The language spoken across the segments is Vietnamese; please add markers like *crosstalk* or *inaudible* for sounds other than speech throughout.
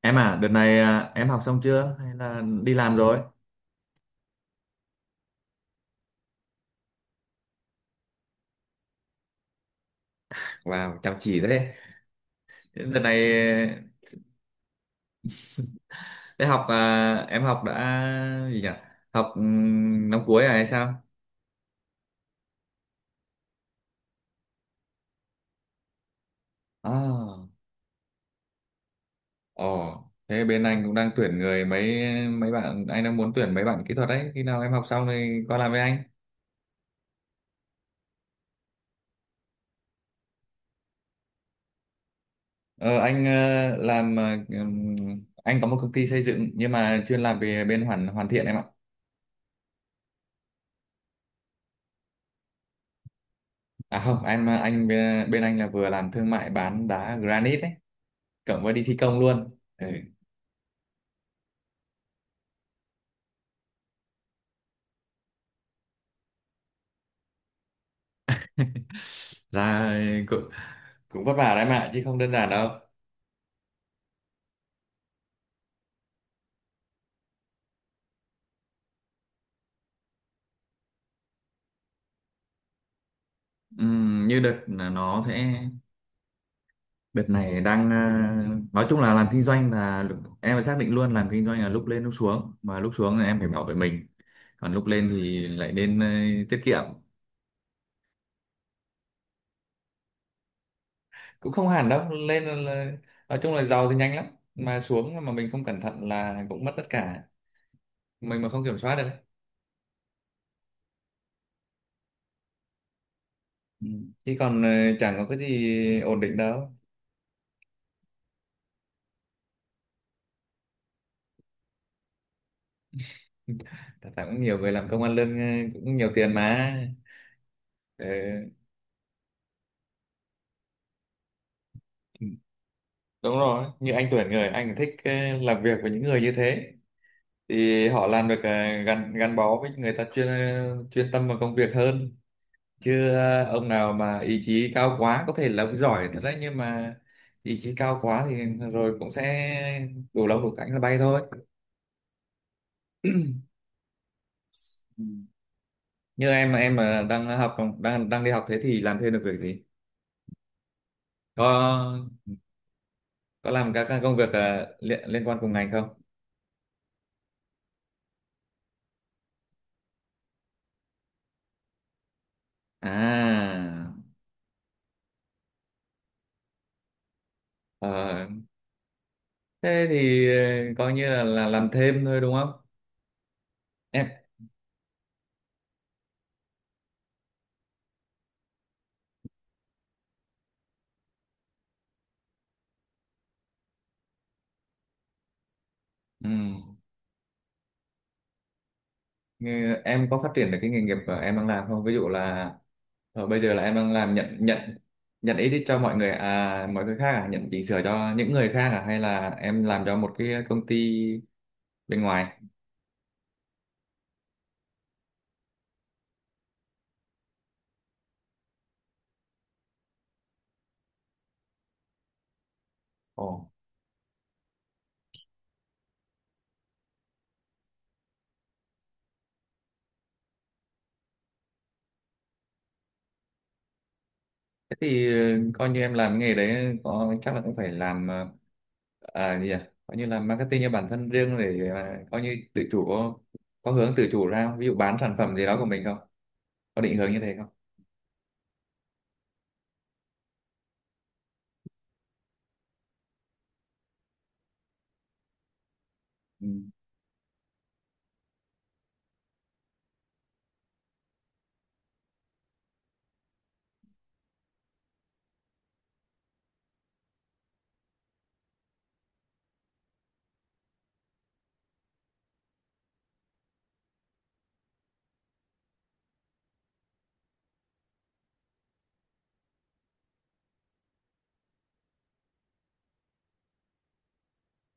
Em à, đợt này à, em học xong chưa hay là đi làm rồi? Wow, chăm chỉ thế. Đợt này đại học à, em học đã gì nhỉ? Học năm cuối à hay sao? À, ồ, thế bên anh cũng đang tuyển người mấy mấy bạn, anh đang muốn tuyển mấy bạn kỹ thuật đấy. Khi nào em học xong thì qua làm với anh. Ờ, anh làm ừm, anh có một công ty xây dựng nhưng mà chuyên làm về bên hoàn hoàn thiện em ạ. À không, em anh bên anh là vừa làm thương mại bán đá granite ấy, cộng với đi thi công luôn, ừ. *laughs* Ra cũng cũng vất vả đấy mà chứ không đơn giản đâu. Như đợt là nó sẽ đợt này đang nói chung là làm kinh doanh là em phải xác định luôn, làm kinh doanh là lúc lên lúc xuống, mà lúc xuống là em phải bảo vệ mình, còn lúc lên thì lại nên tiết kiệm. Cũng không hẳn đâu, lên là, nói chung là giàu thì nhanh lắm, mà xuống mà mình không cẩn thận là cũng mất tất cả, mình mà không kiểm soát được ấy. Ừ. Chứ còn chẳng có cái gì ổn định đâu. Thật ra cũng nhiều người làm công ăn lương cũng nhiều tiền mà. Ờ, đúng rồi, như anh Tuyển, người anh thích làm việc với những người như thế, thì họ làm được gắn gắn bó với người ta, chuyên tâm vào công việc hơn. Chứ ông nào mà ý chí cao quá, có thể là ông giỏi thật đấy, nhưng mà ý chí cao quá thì rồi cũng sẽ đủ lông đủ cánh là bay thôi. Ừ. Như em mà đang học, đang đang đi học thế thì làm thêm được việc gì? Có có làm các công việc liên liên quan cùng ngành không? À, ờ, thế thì coi như là làm thêm thôi đúng không? Em, ừ, Như em có phát triển được cái nghề nghiệp mà em đang làm không? Ví dụ là bây giờ là em đang làm nhận nhận nhận edit cho mọi người à, mọi người khác à, nhận chỉnh sửa cho những người khác à, hay là em làm cho một cái công ty bên ngoài? Ồ, thế thì coi như em làm nghề đấy, có chắc là cũng phải làm ờ, à gì à coi như là marketing cho bản thân riêng để coi như tự chủ, có hướng tự chủ ra không? Ví dụ bán sản phẩm gì đó của mình không, có định hướng như thế không? Ừ.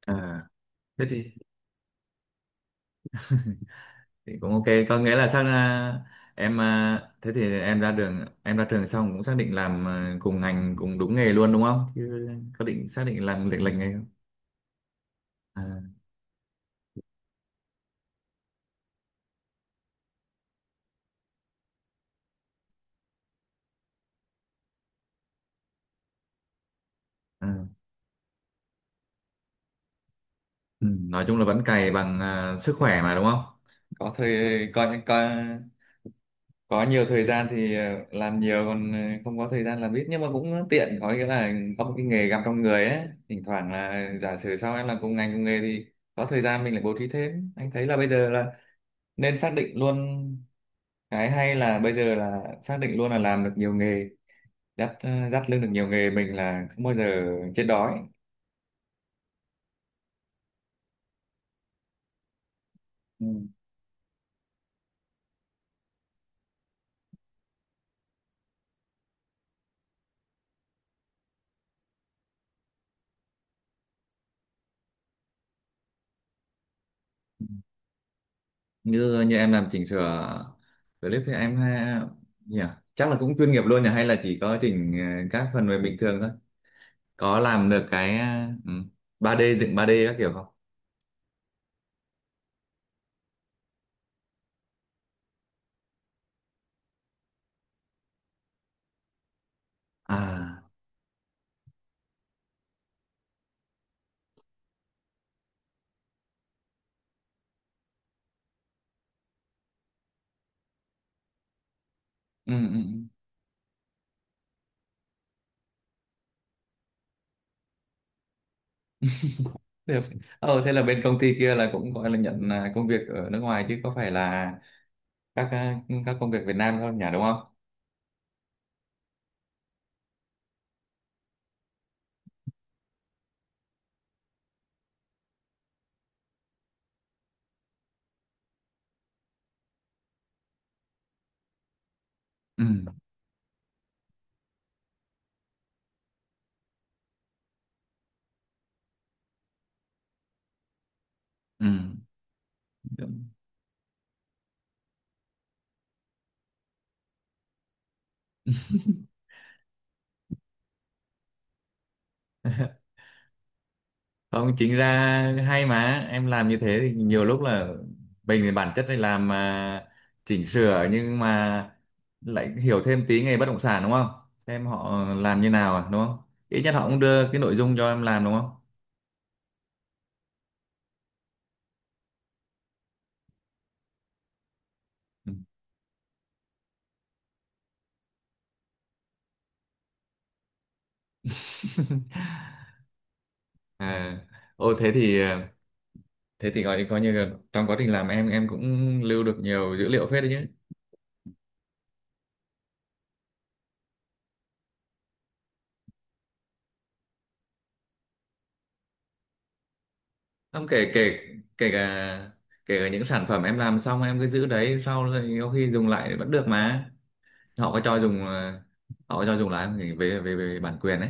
À, thế thì cũng ok. Có nghĩa là sang à, em à, thế thì em ra đường em ra trường xong cũng xác định làm cùng ngành cùng đúng nghề luôn đúng không? Chứ có định xác định làm lệch lệch nghề không? À, à. Ừ, nói chung là vẫn cày bằng sức khỏe mà đúng không? có thời coi coi có nhiều thời gian thì làm nhiều, còn không có thời gian làm ít, nhưng mà cũng tiện, có nghĩa là có một cái nghề gặp trong người ấy. Thỉnh thoảng là, giả sử sau em làm cùng ngành cùng nghề thì có thời gian mình lại bố trí thêm. Anh thấy là bây giờ là nên xác định luôn, cái hay là bây giờ là xác định luôn là làm được nhiều nghề, dắt lưng được nhiều nghề, mình là không bao giờ chết đói. Ừ. như như em làm chỉnh sửa clip thì em ha, nhỉ, chắc là cũng chuyên nghiệp luôn nhỉ, hay là chỉ có chỉnh các phần mềm bình thường thôi? Có làm được cái ừ, 3D dựng, ba d các kiểu không? À, ừ, ừ, ừ. Được. Thế là bên công ty kia là cũng gọi là nhận công việc ở nước ngoài, chứ có phải là các à, các công việc Việt Nam không nhỉ, đúng không? Ừ, ừ. Không, chính ra hay mà em làm như thế thì nhiều lúc là, mình thì bản chất này làm chỉnh sửa, nhưng mà lại hiểu thêm tí nghề bất động sản đúng không, xem họ làm như nào à, đúng không? Ít nhất họ cũng đưa cái nội dung cho em làm đúng không? Ừ. À, ô thế thì gọi coi như là trong quá trình làm, em cũng lưu được nhiều dữ liệu phết đấy chứ. Không, kể kể kể cả kể cả những sản phẩm em làm xong, em cứ giữ đấy, sau rồi có khi dùng lại vẫn được mà. Họ có cho dùng họ có cho dùng lại không, thì về về về bản quyền đấy.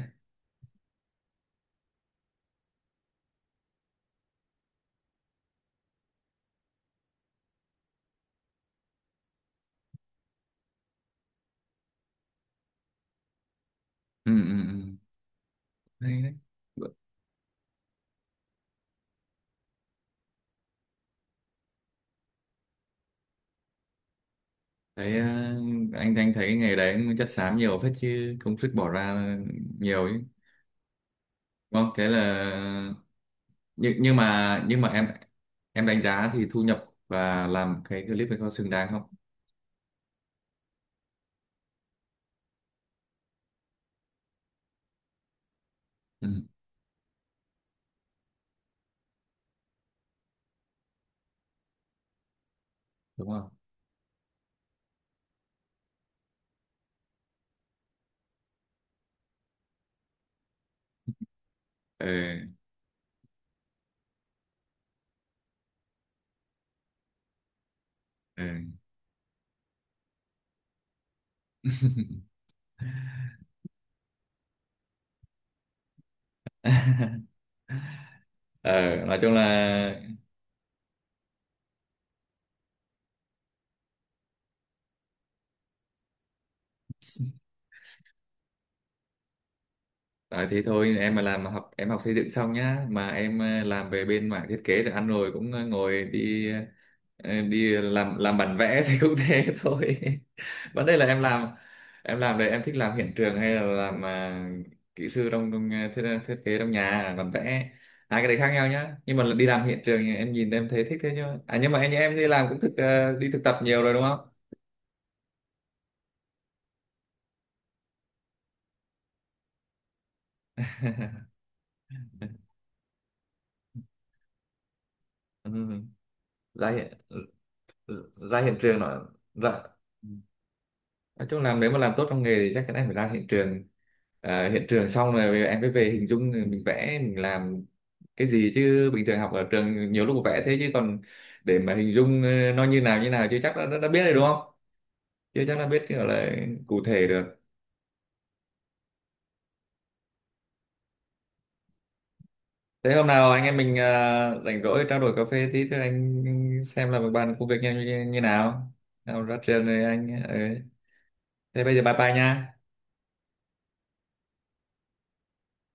Ừ, ừ, ừ. Đấy, đấy. Thấy ờ, anh thấy nghề đấy cũng chất xám nhiều phết, chứ công sức bỏ ra nhiều ấy. Đúng không? Thế là, nhưng mà em đánh giá thì thu nhập và làm cái clip ấy có xứng đáng không? Ừ, đúng không, ừ, ừ. *laughs* Ờ, nói chung là. Đấy, thế thôi, em mà làm học em học xây dựng xong nhá, mà em làm về bên mảng thiết kế được ăn rồi, cũng ngồi đi đi làm bản vẽ *laughs* thì cũng thế *laughs* thôi. Vấn đề là em làm đấy, em thích làm hiện trường hay là làm kỹ sư trong, thiết kế trong nhà bản vẽ? Hai cái đấy khác nhau nhá, nhưng mà đi làm hiện trường thì em nhìn em thấy thích thế chứ, à nhưng mà anh em đi làm cũng đi thực tập nhiều rồi đúng không? Ừ, ra hiện ra hiện trường nó, ra, nói chung là nếu mà làm tốt trong nghề thì chắc chắn em phải ra hiện trường. Ờ, hiện trường xong rồi em mới về hình dung mình vẽ mình làm cái gì, chứ bình thường học ở trường nhiều lúc vẽ thế, chứ còn để mà hình dung nó như nào chưa chắc đã biết rồi đúng không, chưa chắc đã biết gọi là cụ thể được. Thế hôm nào anh em mình rảnh rỗi trao đổi cà phê tí, cho anh xem, là bàn công việc như nào, nào ra trường rồi anh ờ. Thế bây giờ bye bye nha.